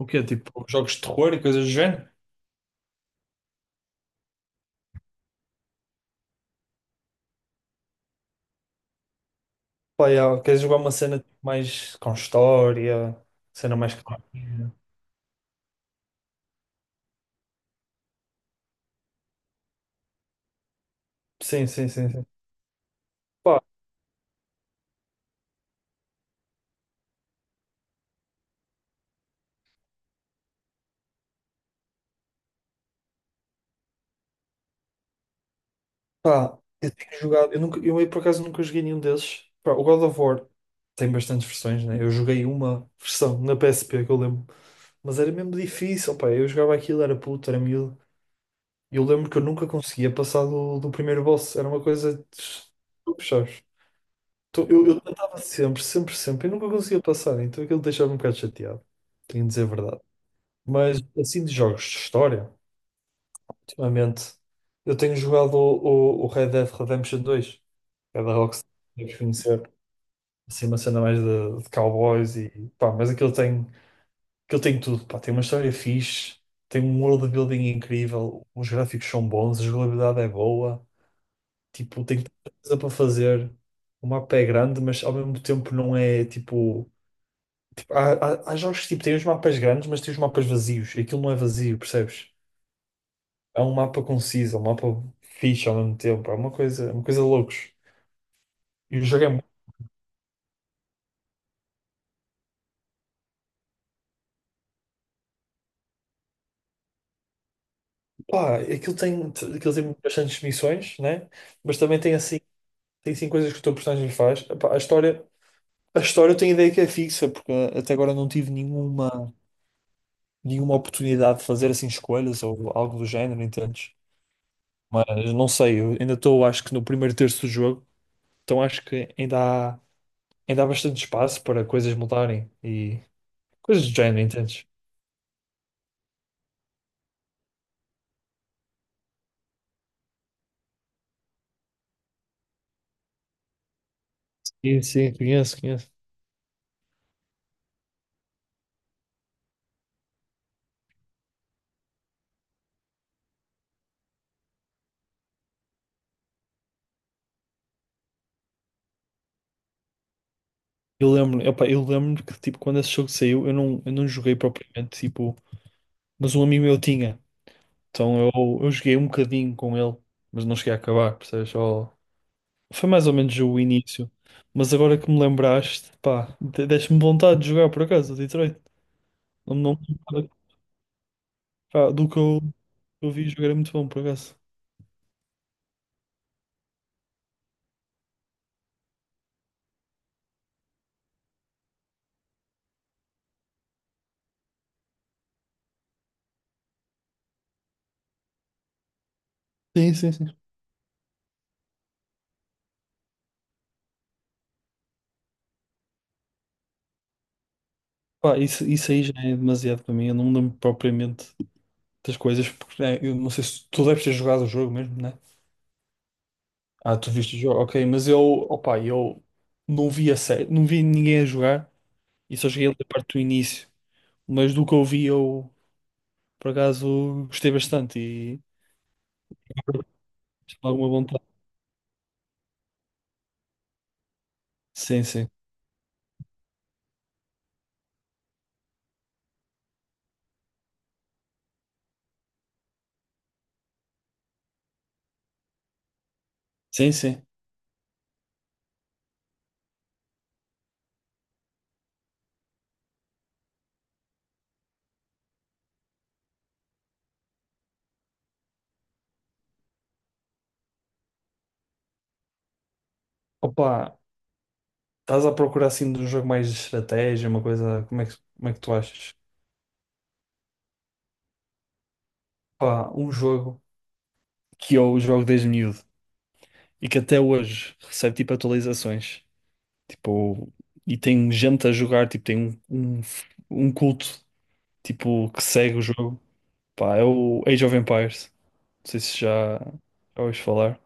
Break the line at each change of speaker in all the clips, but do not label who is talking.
O quê? Tipo, jogos de terror e coisas do género? Pá, yeah, queres jogar uma cena tipo, mais com história, cena mais. Ah, sim, sim, sim, sim. Pá, pá, eu tenho jogado, eu nunca, eu por acaso nunca joguei nenhum desses. Pá, o God of War tem bastantes versões, né? Eu joguei uma versão na PSP que eu lembro, mas era mesmo difícil, pá. Eu jogava aquilo, era puto, era miúdo. E eu lembro que eu nunca conseguia passar do primeiro boss, era uma coisa. Sabes? Então, eu tentava sempre, sempre, sempre, e nunca conseguia passar, então aquilo deixava-me um bocado chateado, tenho de dizer a verdade. Mas assim de jogos de história, ultimamente, eu tenho jogado o Red Dead Redemption dois, que é da Rockstar, deves conhecer, assim uma cena mais de cowboys e pá, mas aquilo tem tudo, pá, tem uma história fixe, tem um world building incrível, os gráficos são bons, a jogabilidade é boa, tipo, tem tanta coisa para fazer, o mapa é grande, mas ao mesmo tempo não é tipo. Há, há jogos que tipo, têm os mapas grandes, mas têm os mapas vazios. Aquilo não é vazio, percebes? É um mapa conciso, é um mapa fixe ao mesmo tempo. É uma coisa loucos. E o jogo é muito. Pá, aquilo tem bastantes missões, né? Mas também tem assim coisas que o teu personagem faz. Epá, a história eu tenho ideia que é fixa, porque até agora não tive nenhuma oportunidade de fazer assim escolhas ou algo do género, entendes? Mas não sei, eu ainda estou, acho que no primeiro terço do jogo, então acho que ainda há. Ainda há bastante espaço para coisas mudarem e coisas do género, entendes? Sim, sim, conheço, conheço. Eu lembro, opa, eu lembro que tipo, quando esse jogo saiu, eu não joguei propriamente, tipo, mas um amigo meu tinha. Então eu joguei um bocadinho com ele, mas não cheguei a acabar, percebes? Só... Foi mais ou menos o início. Mas agora que me lembraste, pá, deste-me vontade de jogar por acaso, o Detroit. Não, não, pá, do que eu vi jogar é muito bom por acaso. Sim, sim, sim. Pá, isso aí já é demasiado para mim, eu não me lembro propriamente das coisas, porque né, eu não sei se tu deves ter jogado o jogo mesmo, né? Ah, tu viste o jogo, ok, mas eu, opa, eu não vi a série, não vi ninguém a jogar e só cheguei ali a parte do início, mas do que eu vi eu, por acaso, gostei bastante e tive alguma vontade. Sim, sim, sim, sim. Opa, estás a procurar assim de um jogo mais de estratégia, uma coisa, como é que tu achas? Opa, um jogo que eu jogo desde miúdo e que até hoje recebe tipo atualizações. Tipo, e tem gente a jogar, tipo, tem um, um, um culto, tipo, que segue o jogo. Pá, é o Age of Empires. Não sei se já ouviste falar.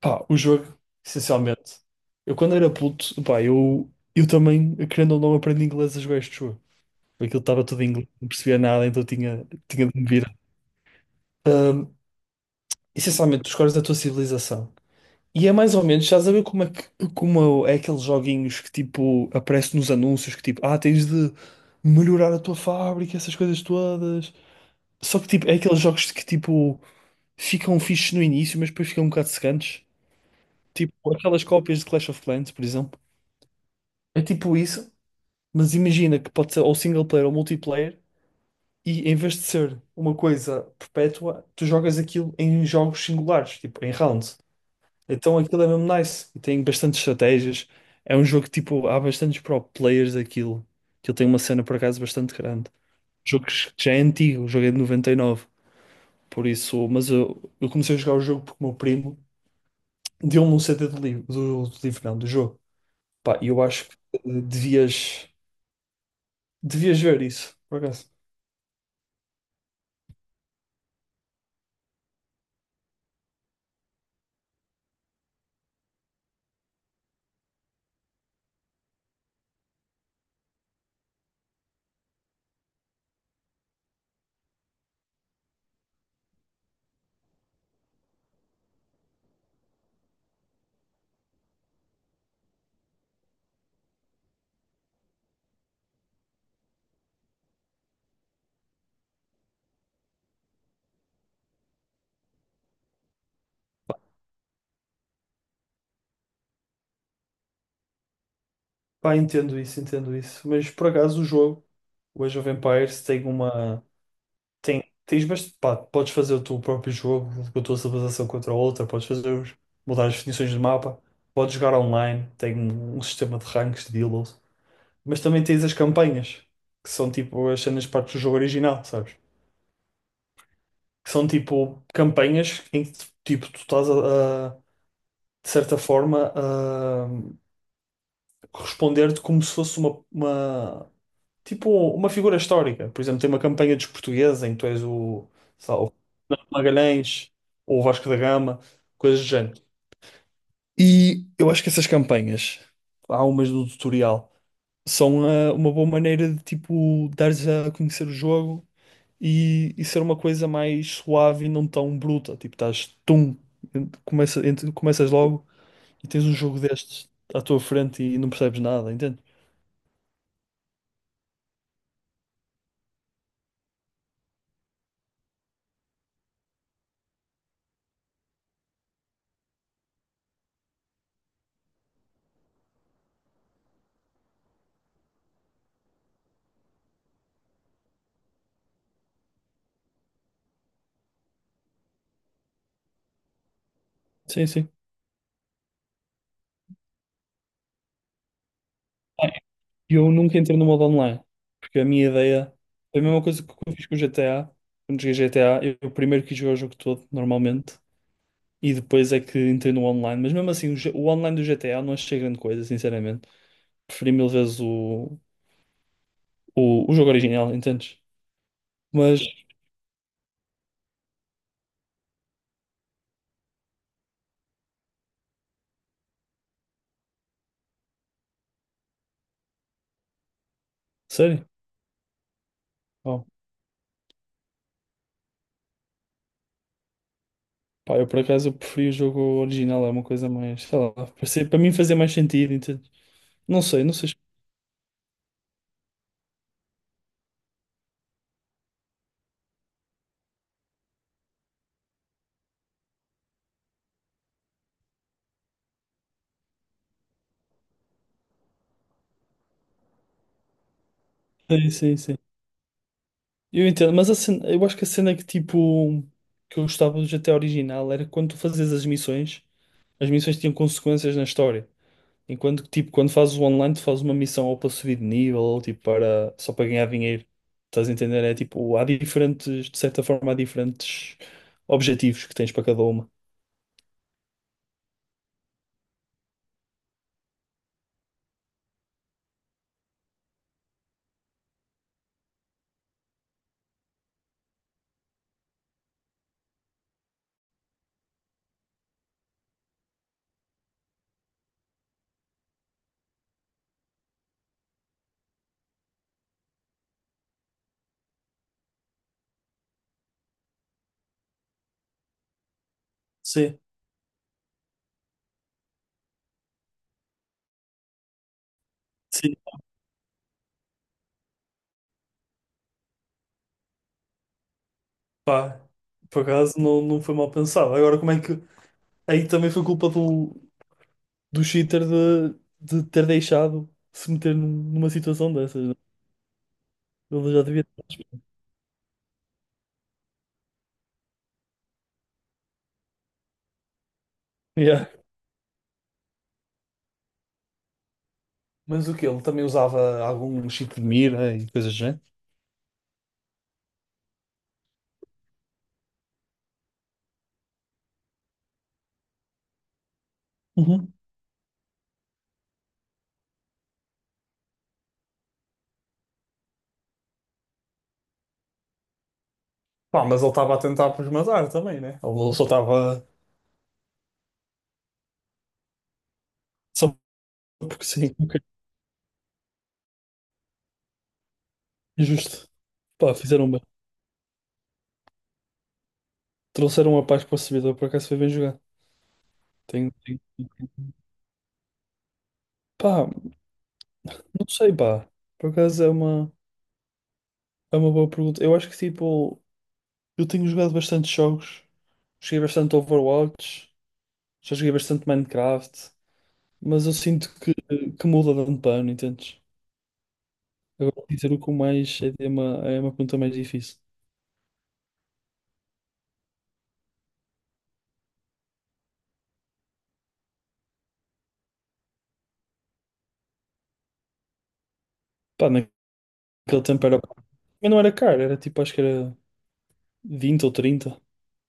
Pá, o jogo, essencialmente. Eu quando era puto, pá, eu também, querendo ou não, aprendi inglês a jogar este jogo. Aquilo estava tudo em inglês, não percebia nada, então tinha de me virar. Ahm, Essencialmente, tu escolhes a tua civilização. E é mais ou menos, já saber como é que como é aqueles joguinhos que tipo aparecem nos anúncios que tipo, ah, tens de melhorar a tua fábrica, essas coisas todas. Só que tipo, é aqueles jogos que tipo ficam fixes no início, mas depois ficam um bocado secantes. Tipo aquelas cópias de Clash of Clans, por exemplo. É tipo isso, mas imagina que pode ser ou single player ou multiplayer, e em vez de ser uma coisa perpétua, tu jogas aquilo em jogos singulares, tipo em rounds. Então aquilo é mesmo nice e tem bastantes estratégias. É um jogo que tipo, há bastantes pro players daquilo. Que ele tem uma cena por acaso bastante grande. O jogo que já é antigo, o jogo é de 99. Por isso, mas eu comecei a jogar o jogo porque o meu primo deu-me um CD do livro, do livro não, do jogo. Pá, e eu acho que devias ver isso, por acaso. Pá, entendo isso, entendo isso. Mas por acaso o jogo, o Age of Empires, tem uma. Tem, tens, mas pá, podes fazer o teu próprio jogo com a tua civilização contra a outra, podes fazer mudar as definições de mapa, podes jogar online, tem um sistema de ranks, de delos, mas também tens as campanhas, que são tipo as cenas partes do jogo original, sabes? Que são tipo campanhas em que tipo tu estás de certa forma a responder-te como se fosse uma tipo uma figura histórica. Por exemplo, tem uma campanha dos portugueses em que tu és o sei lá, o Magalhães ou Vasco da Gama, coisas do género. E eu acho que essas campanhas, há umas do tutorial, são uma boa maneira de tipo dares a conhecer o jogo e ser uma coisa mais suave e não tão bruta. Tipo, estás tum, começa, começas logo e tens um jogo destes à tua frente e não percebes nada, entende? Sim, sim. E eu nunca entrei no modo online, porque a minha ideia é a mesma coisa que eu fiz com o GTA. Quando joguei GTA, eu primeiro quis jogar o jogo todo, normalmente. E depois é que entrei no online. Mas mesmo assim, o online do GTA não achei grande coisa, sinceramente. Preferi mil vezes o, o jogo original, entendes? Mas, sério, oh, pá, eu por acaso eu preferi o jogo original, é uma coisa mais, sei lá, para mim fazia mais sentido, entendes? Não sei, não sei. Sim, sim, sim. Eu entendo, mas eu acho que a cena é que tipo que eu gostava do GTA original era quando tu fazias as missões tinham consequências na história. Enquanto que, tipo, quando fazes o online, tu fazes uma missão ou para subir de nível, ou tipo, para, só para ganhar dinheiro. Estás a entender? É tipo, há diferentes, de certa forma, há diferentes objetivos que tens para cada uma. Sim, sim, pá, por acaso não foi mal pensado. Agora, como é que. Aí também foi culpa do cheater de ter deixado se meter numa situação dessas. Né? Ele já devia yeah. Mas o que ele também usava algum cheat de mira e coisas do género? Uhum. Pá, mas ele estava a tentar para os matar também, né? Ele só estava. Só porque sim, ok. Injusto. Pá, fizeram bem. Trouxeram uma paz para o servidor, por acaso foi bem jogado. Tenho, tenho- tenho- Pá, não sei, pá. Por acaso é uma boa pergunta. Eu acho que tipo, eu tenho jogado bastante jogos. Joguei bastante Overwatch, já joguei bastante Minecraft, mas eu sinto que, muda de ano para ano, entendes? Agora dizer o que mais é uma pergunta mais difícil. Pá, naquele tempo era. Mas não era caro, era tipo, acho que era vinte ou trinta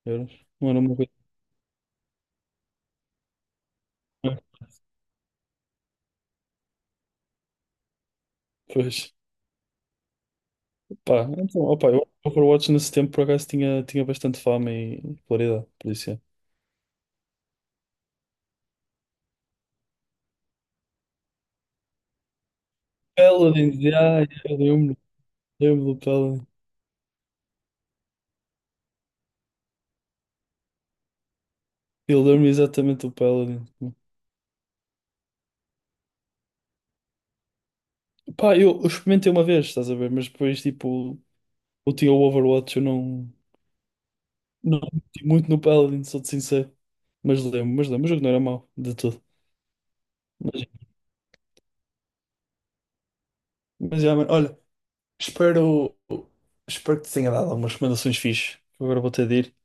euros. Não era uma coisa. Pois, pá, então, opa, eu Overwatch nesse tempo por acaso tinha bastante fama e popularidade, por isso é. Paladins, já, eu lembro, lembro do Paladin. Eu lembro exatamente do Paladin. Pá, eu experimentei uma vez, estás a ver, mas depois, tipo, eu tinha o Overwatch, eu não meti muito no Paladin, sou-te sincero. Mas lembro, o jogo não era mau, de tudo. Mas, mas já, mano, olha. Espero, espero que te tenha dado algumas recomendações fixe. Eu agora vou ter de ir.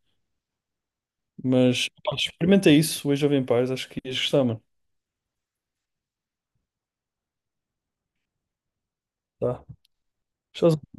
Mas pá, experimenta isso hoje Jovem pais acho que ias gostar, mano. Tá. Tchauzinho.